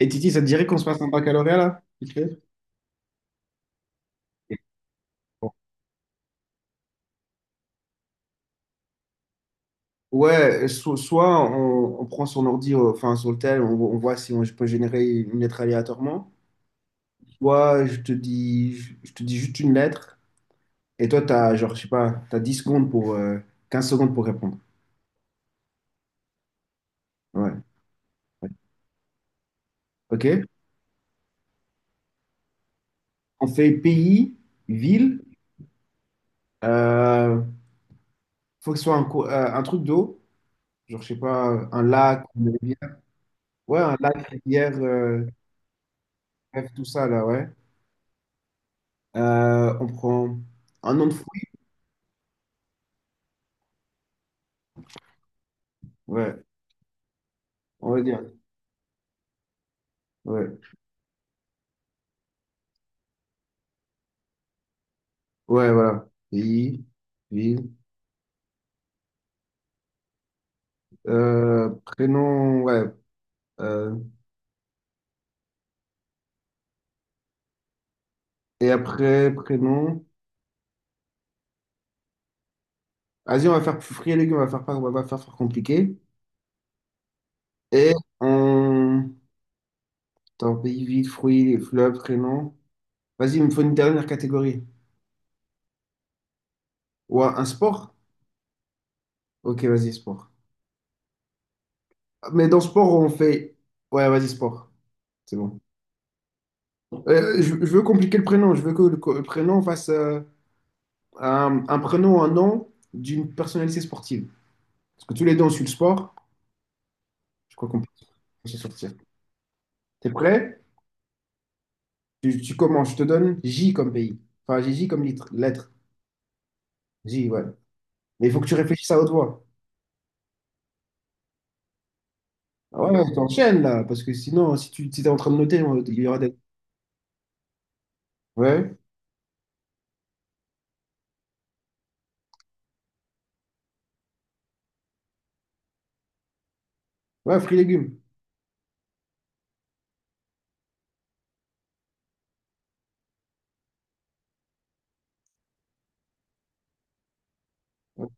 Et Titi, ça te dirait qu'on se fasse un baccalauréat là? Vite fait. Ouais, soit on prend son ordi, enfin, sur le tel, on voit si on, je peux générer une lettre aléatoirement. Soit je te dis, je te dis juste une lettre et toi, tu as, genre, je sais pas, tu 10 secondes pour, 15 secondes pour répondre. Ouais. Ouais. OK? On fait pays, ville. euh, Faut que ce soit un truc d'eau, genre, je sais pas, un lac, une rivière. Ouais, un lac, rivière, bref, tout ça là, ouais. On prend un nom de fruit. Ouais, on va dire. Ouais, ouais, voilà. Pays, ville, prénom, ouais. euh, et après, prénom. Vas-y, on va faire fruits et légumes, on va pas faire compliqué. Et on. Attends, pays, ville, fruits, fleuve, prénom. Vas-y, il me faut une dernière catégorie. Ou un sport? Ok, vas-y, sport. Mais dans sport, on fait. Ouais, vas-y, sport. C'est bon. Je veux compliquer le prénom. Je veux que le prénom fasse. Un prénom, un nom d'une personnalité sportive. Parce que tous les deux, on suit le sport. Je crois qu'on peut s'en sortir. T'es prêt? Tu commences. Je te donne J comme pays. Enfin, j'ai J comme lettre. J, ouais. Mais il faut que tu réfléchisses à haute voix. Ah, ouais, ouais, t'enchaînes là. Parce que sinon, si tu si t'es en train de noter, il y aura des. Ouais. Ouais, fruits légumes. Ouais.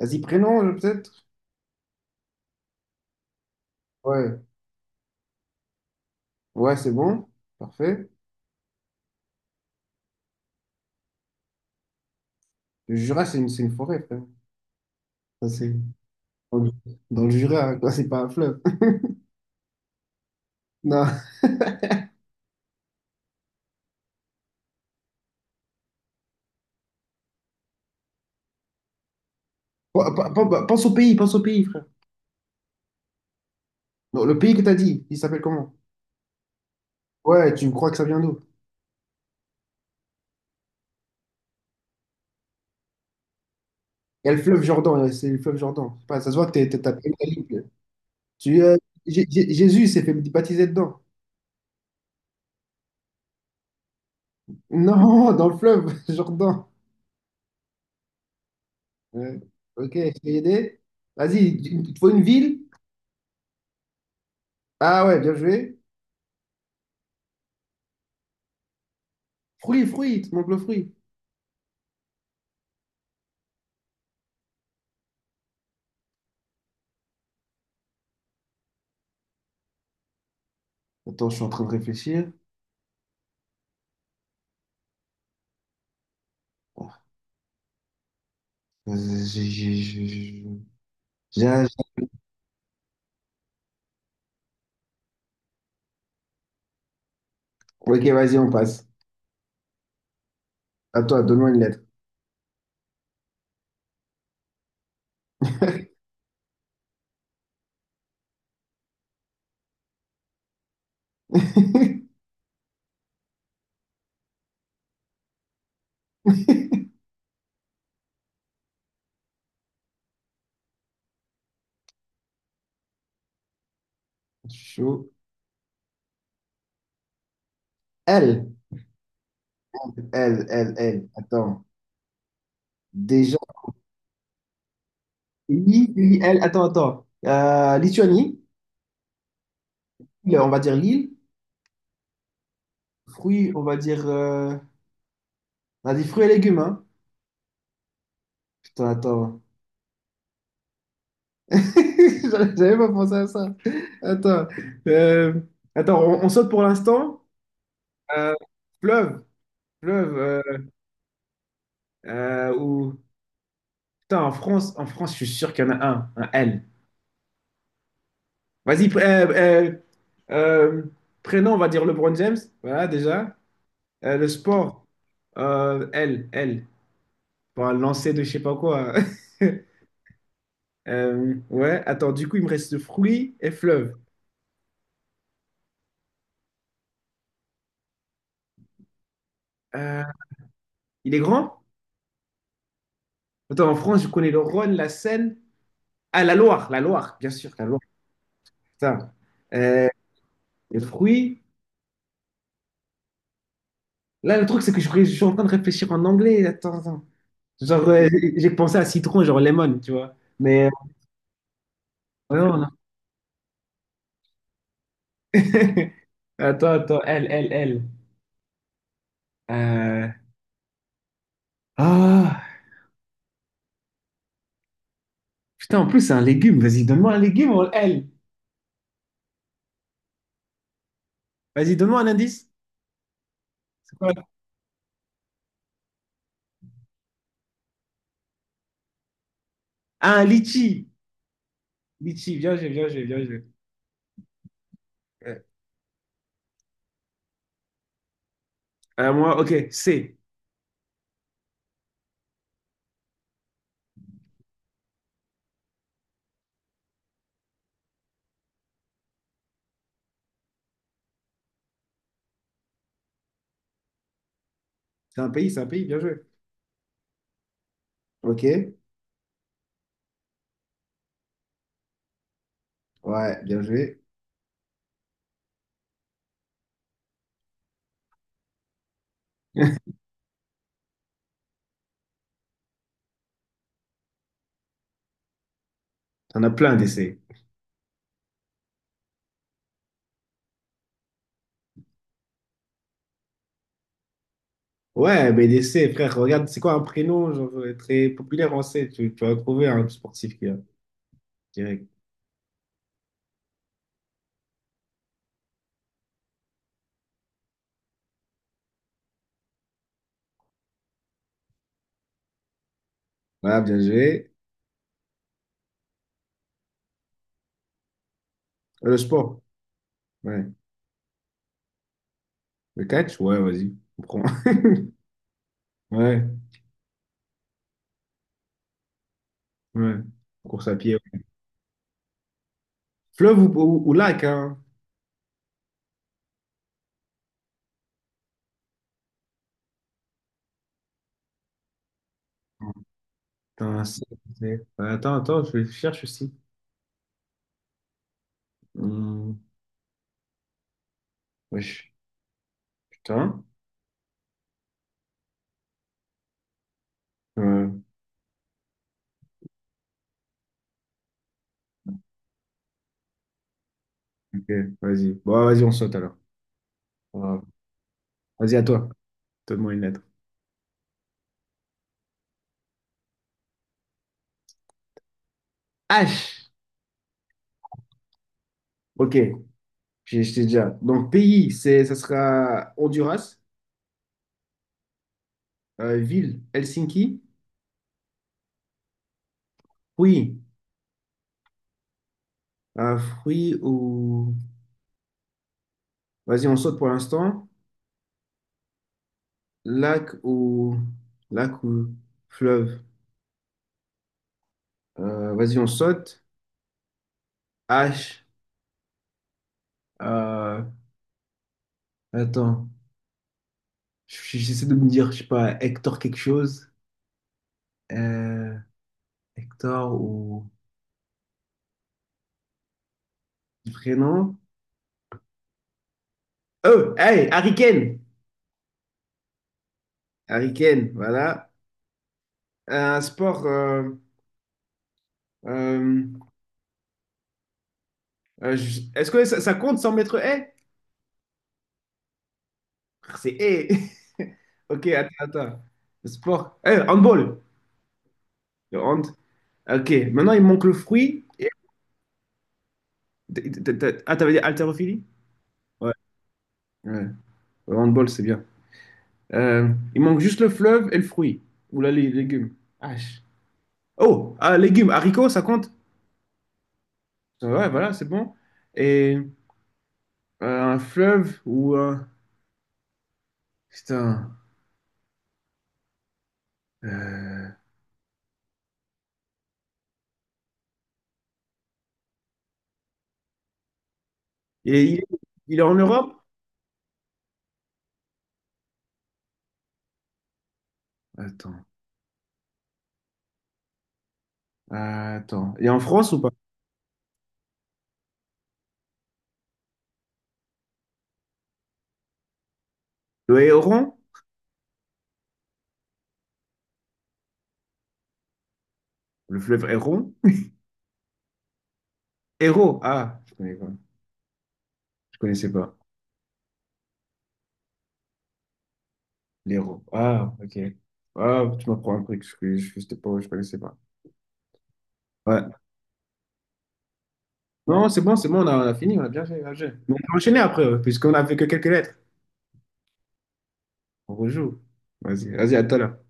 Vas-y, prénom, peut-être? Ouais. Ouais, c'est bon. Parfait. Le Jura, c'est une forêt, frère. Ça, c'est dans le dans le Jura, hein, quoi, c'est pas un fleuve. Non. Pense au pays, frère. Non, le pays que t'as dit, il s'appelle comment? Ouais, tu me crois que ça vient d'où? Il y a le fleuve Jordan, c'est le fleuve Jordan. Je sais pas, ça se voit que t'as pas lu ta Bible. Tu, euh, Jésus s'est fait baptiser dedans. Non, dans le fleuve Jordan. Ouais. Ok, je t'ai aidé. Vas-y, il te faut une ville. Ah ouais, bien joué. Fruits, il te manque le fruit. Attends, je suis en train de réfléchir. Euh, j'ai- j'ai- j'ai- j'ai- j'ai- Ok, vas-y, on passe. À toi, donne-moi une lettre. Chaud. L, L, L, L. Attends. Déjà, Lille, L, attends. Lituanie, Lille, on va dire Lille. Fruits, on va dire. On a dit fruits et légumes, hein. Putain, attends. J'avais pas pensé à ça. Attends. Euh, Attends, on saute pour l'instant. Euh, Fleuve, fleuve. Ou... Putain, en France, je suis sûr qu'il y en a un L. Vas-y, euh, euh, prénom, on va dire LeBron James. Voilà, déjà. Le sport, L, L, pour un lancer de je sais pas quoi. Ouais, attends, du coup, il me reste fruits et fleuves. Euh, il est grand? Attends, en France, je connais le Rhône, la Seine. Ah, la Loire, bien sûr, la Loire. Putain. Euh, les fruits. Là, le truc, c'est que je suis en train de réfléchir en anglais. Attends. Genre, j'ai pensé à citron, genre lemon, tu vois. Mais ouais, non, non. Attends, elle, elle, elle. Euh, Ah, putain, en plus, c'est un légume. Vas-y, donne-moi un légume, elle. Vas-y, donne-moi un indice. Ah, Litchi. Litchi, bien joué, bien joué, bien joué. Ouais. Moi, ok, C. C'est un pays, bien joué. Ok, ouais, bien joué. T'en as plein des C. Ouais, mais des C, frère, regarde, c'est quoi un prénom genre, très populaire en C? Tu vas trouver un sportif qui a direct. Voilà, bien joué. Le sport, ouais. Le catch, ouais, vas-y, on prend. Ouais, ouais. Course à pied, ouais. Fleuve ou lac, hein? Putain, attends, je cherche aussi. Hum, wesh, putain. Ouais. Ok, vas-y. Bon, bah, vas-y, on saute alors. On va- Vas-y, à toi. Donne-moi une lettre. H. Ok, j'ai je déjà. Donc, pays, ça sera Honduras. Ville, Helsinki. Fruit. Fruit ou. Vas-y, on saute pour l'instant. Lac ou. Lac ou fleuve. Vas-y, on saute. H. Euh, Attends. J'essaie de me dire, je sais pas, Hector quelque chose. Euh, Hector ou. Prénom. Oh, hey, Harry Kane. Harry Kane, voilà. Un sport. Euh, Est-ce que ça, compte 100 mètres haies? C'est haies. Ok, attends. Le sport. Eh, handball. Le hand. Ok, maintenant il manque le fruit. Ah, t'avais dit haltérophilie? Ouais. Ouais. Le handball, c'est bien. Euh, il manque juste le fleuve et le fruit. Ou là, les légumes. Ah, oh, ah, légumes, haricots, ça compte? Ouais, voilà, c'est bon. Et un fleuve ou un. Putain. Euh, Et il est en Europe? Attends, attends. Et en France ou pas? Le Héron? Le fleuve Héron? Hérault. Ah, je connais pas. Je connaissais pas. L'Hérault. Ah, ok. Ah, tu m'apprends un truc. Je sais pas, je connaissais pas. Ouais. Non, c'est bon, on a fini, on a bien fait, bien fait. Mais on peut enchaîner après, puisqu'on a fait que quelques lettres. On rejoue. Vas-y, vas-y, à toi là.